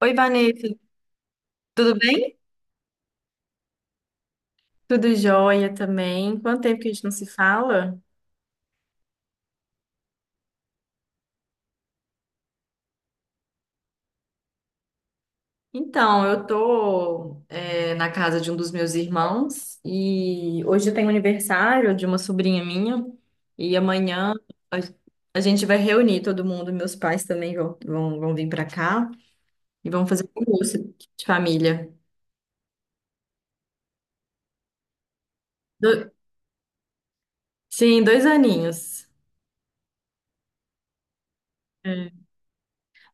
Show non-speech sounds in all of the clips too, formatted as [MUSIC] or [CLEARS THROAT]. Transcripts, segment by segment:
Oi, Vanessa, tudo bem? Tudo jóia também. Quanto tempo que a gente não se fala? Então, eu tô, na casa de um dos meus irmãos e hoje tem aniversário de uma sobrinha minha e amanhã a, a gente vai reunir todo mundo. Meus pais também vão vir pra cá e vão fazer um almoço de família. Do- sim, dois aninhos. É.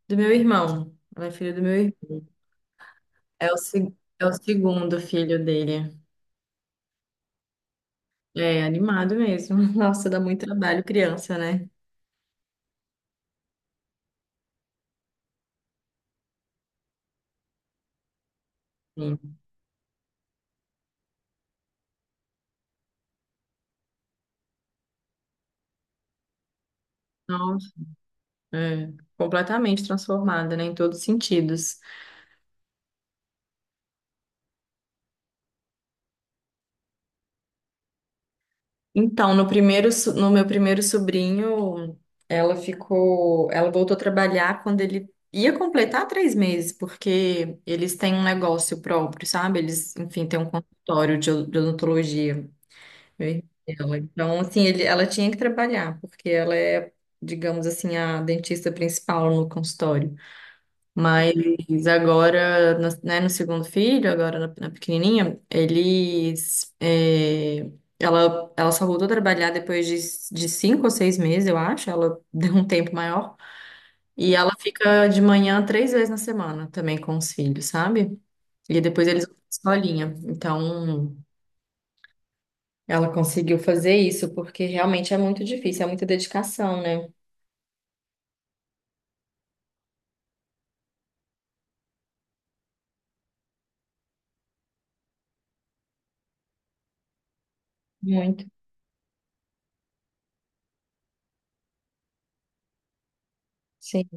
Do meu irmão. Ela é filha do meu irmão. É o, se- É o segundo filho dele. É, animado mesmo. [LAUGHS] Nossa, dá muito trabalho criança, né? Sim. Nossa, é, completamente transformada, né, em todos os sentidos. Então, no primeiro, no meu primeiro sobrinho, ela voltou a trabalhar quando ele ia completar 3 meses, porque eles têm um negócio próprio, sabe? Eles, enfim, têm um consultório de odontologia. Meu irmão e ela. Então, assim, ela tinha que trabalhar, porque ela é, digamos assim, a dentista principal no consultório. Mas agora, né, no segundo filho, agora na pequenininha, eles. É, ela só voltou a trabalhar depois de 5 ou 6 meses, eu acho. Ela [LAUGHS] deu um tempo maior. E ela fica de manhã 3 vezes na semana também com os filhos, sabe? E depois eles vão pra escolinha. Então, ela conseguiu fazer isso, porque realmente é muito difícil, é muita dedicação, né? Muito. Sim,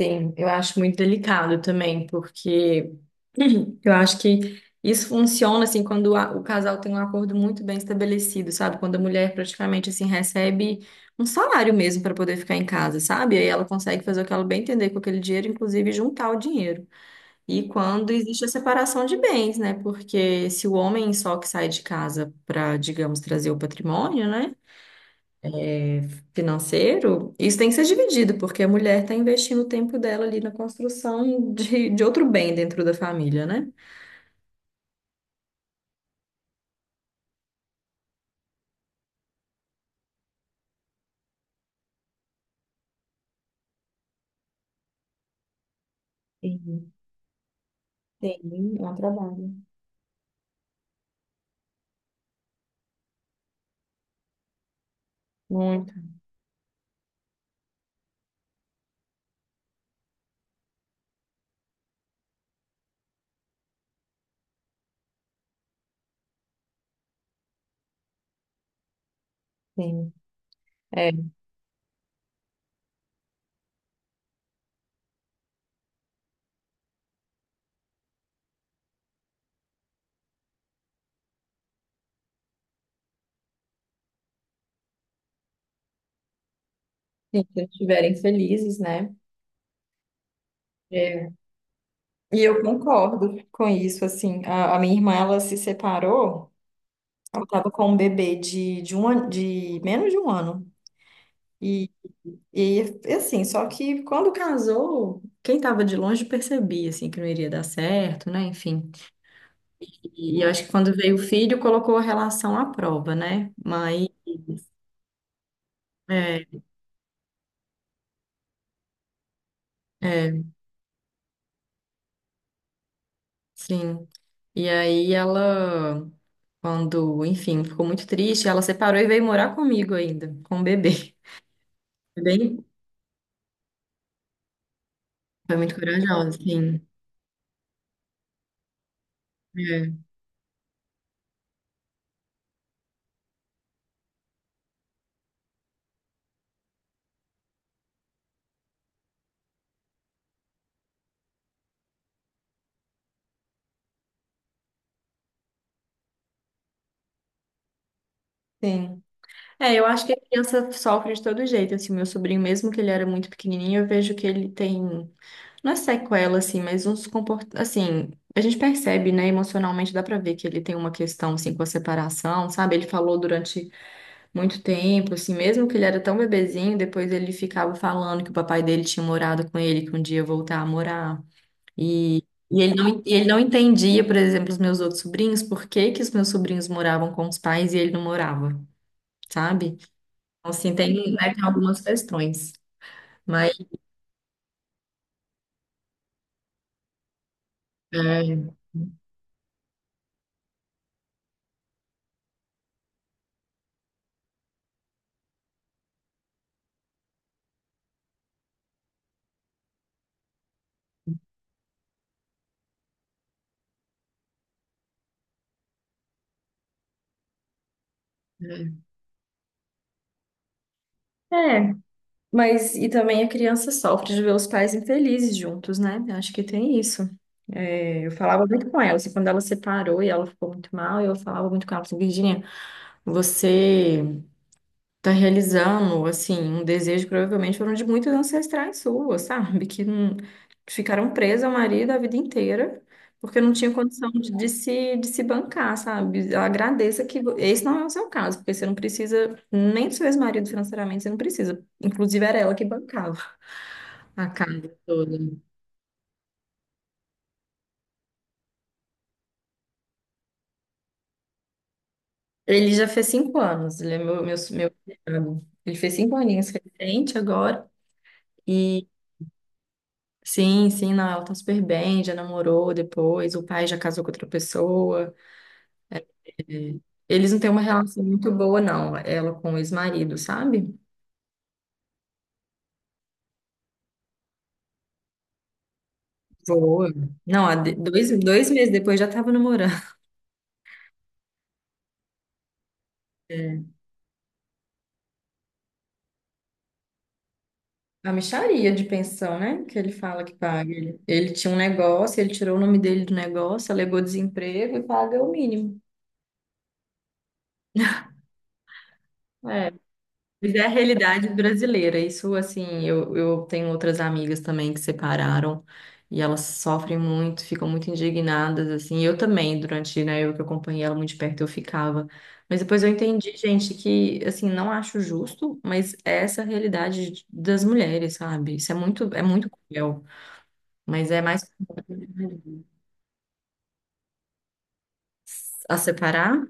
sim. Eu acho muito delicado também, porque. [CLEARS THROAT] Eu acho que isso funciona assim quando o casal tem um acordo muito bem estabelecido, sabe? Quando a mulher praticamente assim recebe um salário mesmo para poder ficar em casa, sabe? Aí ela consegue fazer o que ela bem entender com aquele dinheiro, inclusive juntar o dinheiro. E quando existe a separação de bens, né? Porque se o homem só que sai de casa para, digamos, trazer o patrimônio, né? Financeiro, isso tem que ser dividido, porque a mulher está investindo o tempo dela ali na construção de outro bem dentro da família, né? Sim, é um trabalho. Muito, sim. É, se eles estiverem felizes, né? É. E eu concordo com isso, assim. A minha irmã, ela se separou, ela estava com um bebê de menos de 1 ano. E, e, assim, só que quando casou, quem estava de longe percebia, assim, que não iria dar certo, né? Enfim. E, eu acho que quando veio o filho, colocou a relação à prova, né? Mas é, é, sim. E aí ela... Quando, enfim, ficou muito triste, ela separou e veio morar comigo ainda, com o bebê. Foi bem, Foi muito corajosa, sim. É. Sim. É, eu acho que a criança sofre de todo jeito, assim, meu sobrinho, mesmo que ele era muito pequenininho, eu vejo que ele tem, não é sequela, assim, mas uns comportamentos, assim, a gente percebe, né, emocionalmente, dá pra ver que ele tem uma questão, assim, com a separação, sabe? Ele falou durante muito tempo, assim, mesmo que ele era tão bebezinho, depois ele ficava falando que o papai dele tinha morado com ele, que um dia ia voltar a morar. E, e ele não entendia, por exemplo, os meus outros sobrinhos, por que que os meus sobrinhos moravam com os pais e ele não morava, sabe? Então, assim, tem, né, tem algumas questões. Mas, é, é, é, mas e também a criança sofre de ver os pais infelizes juntos, né? Eu acho que tem isso. É, eu falava muito com ela, assim, quando ela separou e ela ficou muito mal, eu falava muito com ela, assim, Virginia, você tá realizando, assim, um desejo que provavelmente foram de muitos ancestrais suas, sabe? Que não- que ficaram presas ao marido a vida inteira, porque não tinha condição de se bancar, sabe? Eu agradeça que esse não é o seu caso, porque você não precisa nem do seu ex-marido financeiramente, você não precisa. Inclusive era ela que bancava a casa toda. Ele já fez 5 anos, ele é meu cunhado. Ele fez 5 aninhos recente agora. Sim, sim, não, ela tá super bem, já namorou depois, o pai já casou com outra pessoa. É, eles não têm uma relação muito boa, não, ela com o ex-marido, sabe? Boa. Não, 2, 2 meses depois já tava namorando. É. A mixaria de pensão, né? Que ele fala que paga. Ele tinha um negócio, ele tirou o nome dele do negócio, alegou desemprego e paga o mínimo. É. Mas é a realidade brasileira. Isso, assim, eu tenho outras amigas também que separaram e elas sofrem muito, ficam muito indignadas, assim. Eu também, durante, né, eu que acompanhei ela muito de perto, eu ficava. Mas depois eu entendi, gente, que, assim, não acho justo, mas é essa a realidade das mulheres, sabe? Isso é muito cruel. Mas é mais a separar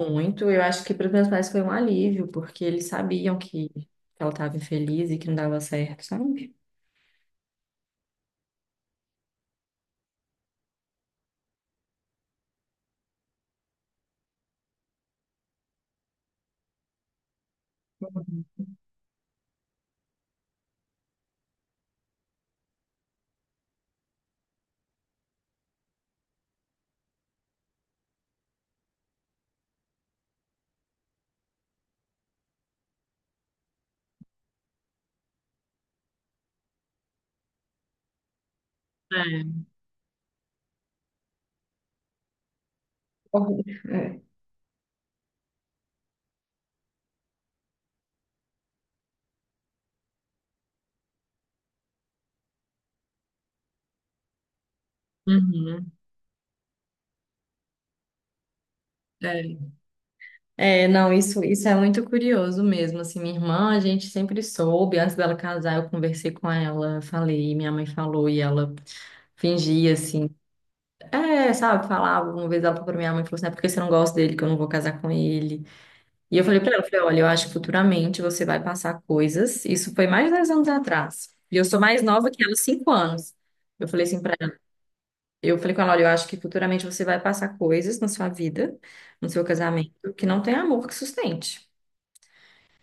muito. Eu acho que para os meus pais foi um alívio, porque eles sabiam que ela estava infeliz e que não dava certo, sabe? Horrível. É. Uhum, é. É, não, isso é muito curioso mesmo, assim, minha irmã, a gente sempre soube, antes dela casar, eu conversei com ela, falei, minha mãe falou, e ela fingia, assim, é, sabe, falava, uma vez ela falou pra minha mãe, falou assim, é porque você não gosta dele, que eu não vou casar com ele, e eu falei pra ela, eu falei, olha, eu acho que futuramente você vai passar coisas, isso foi mais de 10 anos atrás, e eu sou mais nova que ela, 5 anos, eu falei assim pra eu falei com ela, olha, eu acho que futuramente você vai passar coisas na sua vida, no seu casamento, que não tem amor que sustente.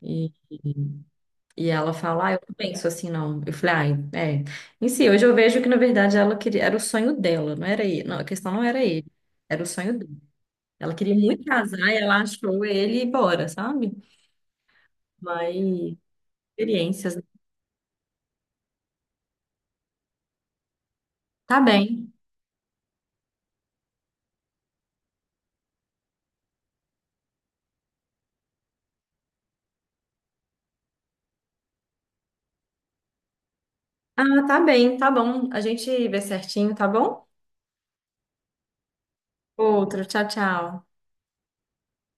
E, e ela fala, ah, eu não penso assim, não. Eu falei, ah, é. Em si, hoje eu vejo que, na verdade, ela queria, era o sonho dela, não era ele. Não, a questão não era ele, era o sonho dele. Ela queria muito casar e ela achou ele e bora, sabe? Mas experiências. Né? Tá bem. Ah, tá bem, tá bom. A gente vê certinho, tá bom? Outro, tchau, tchau.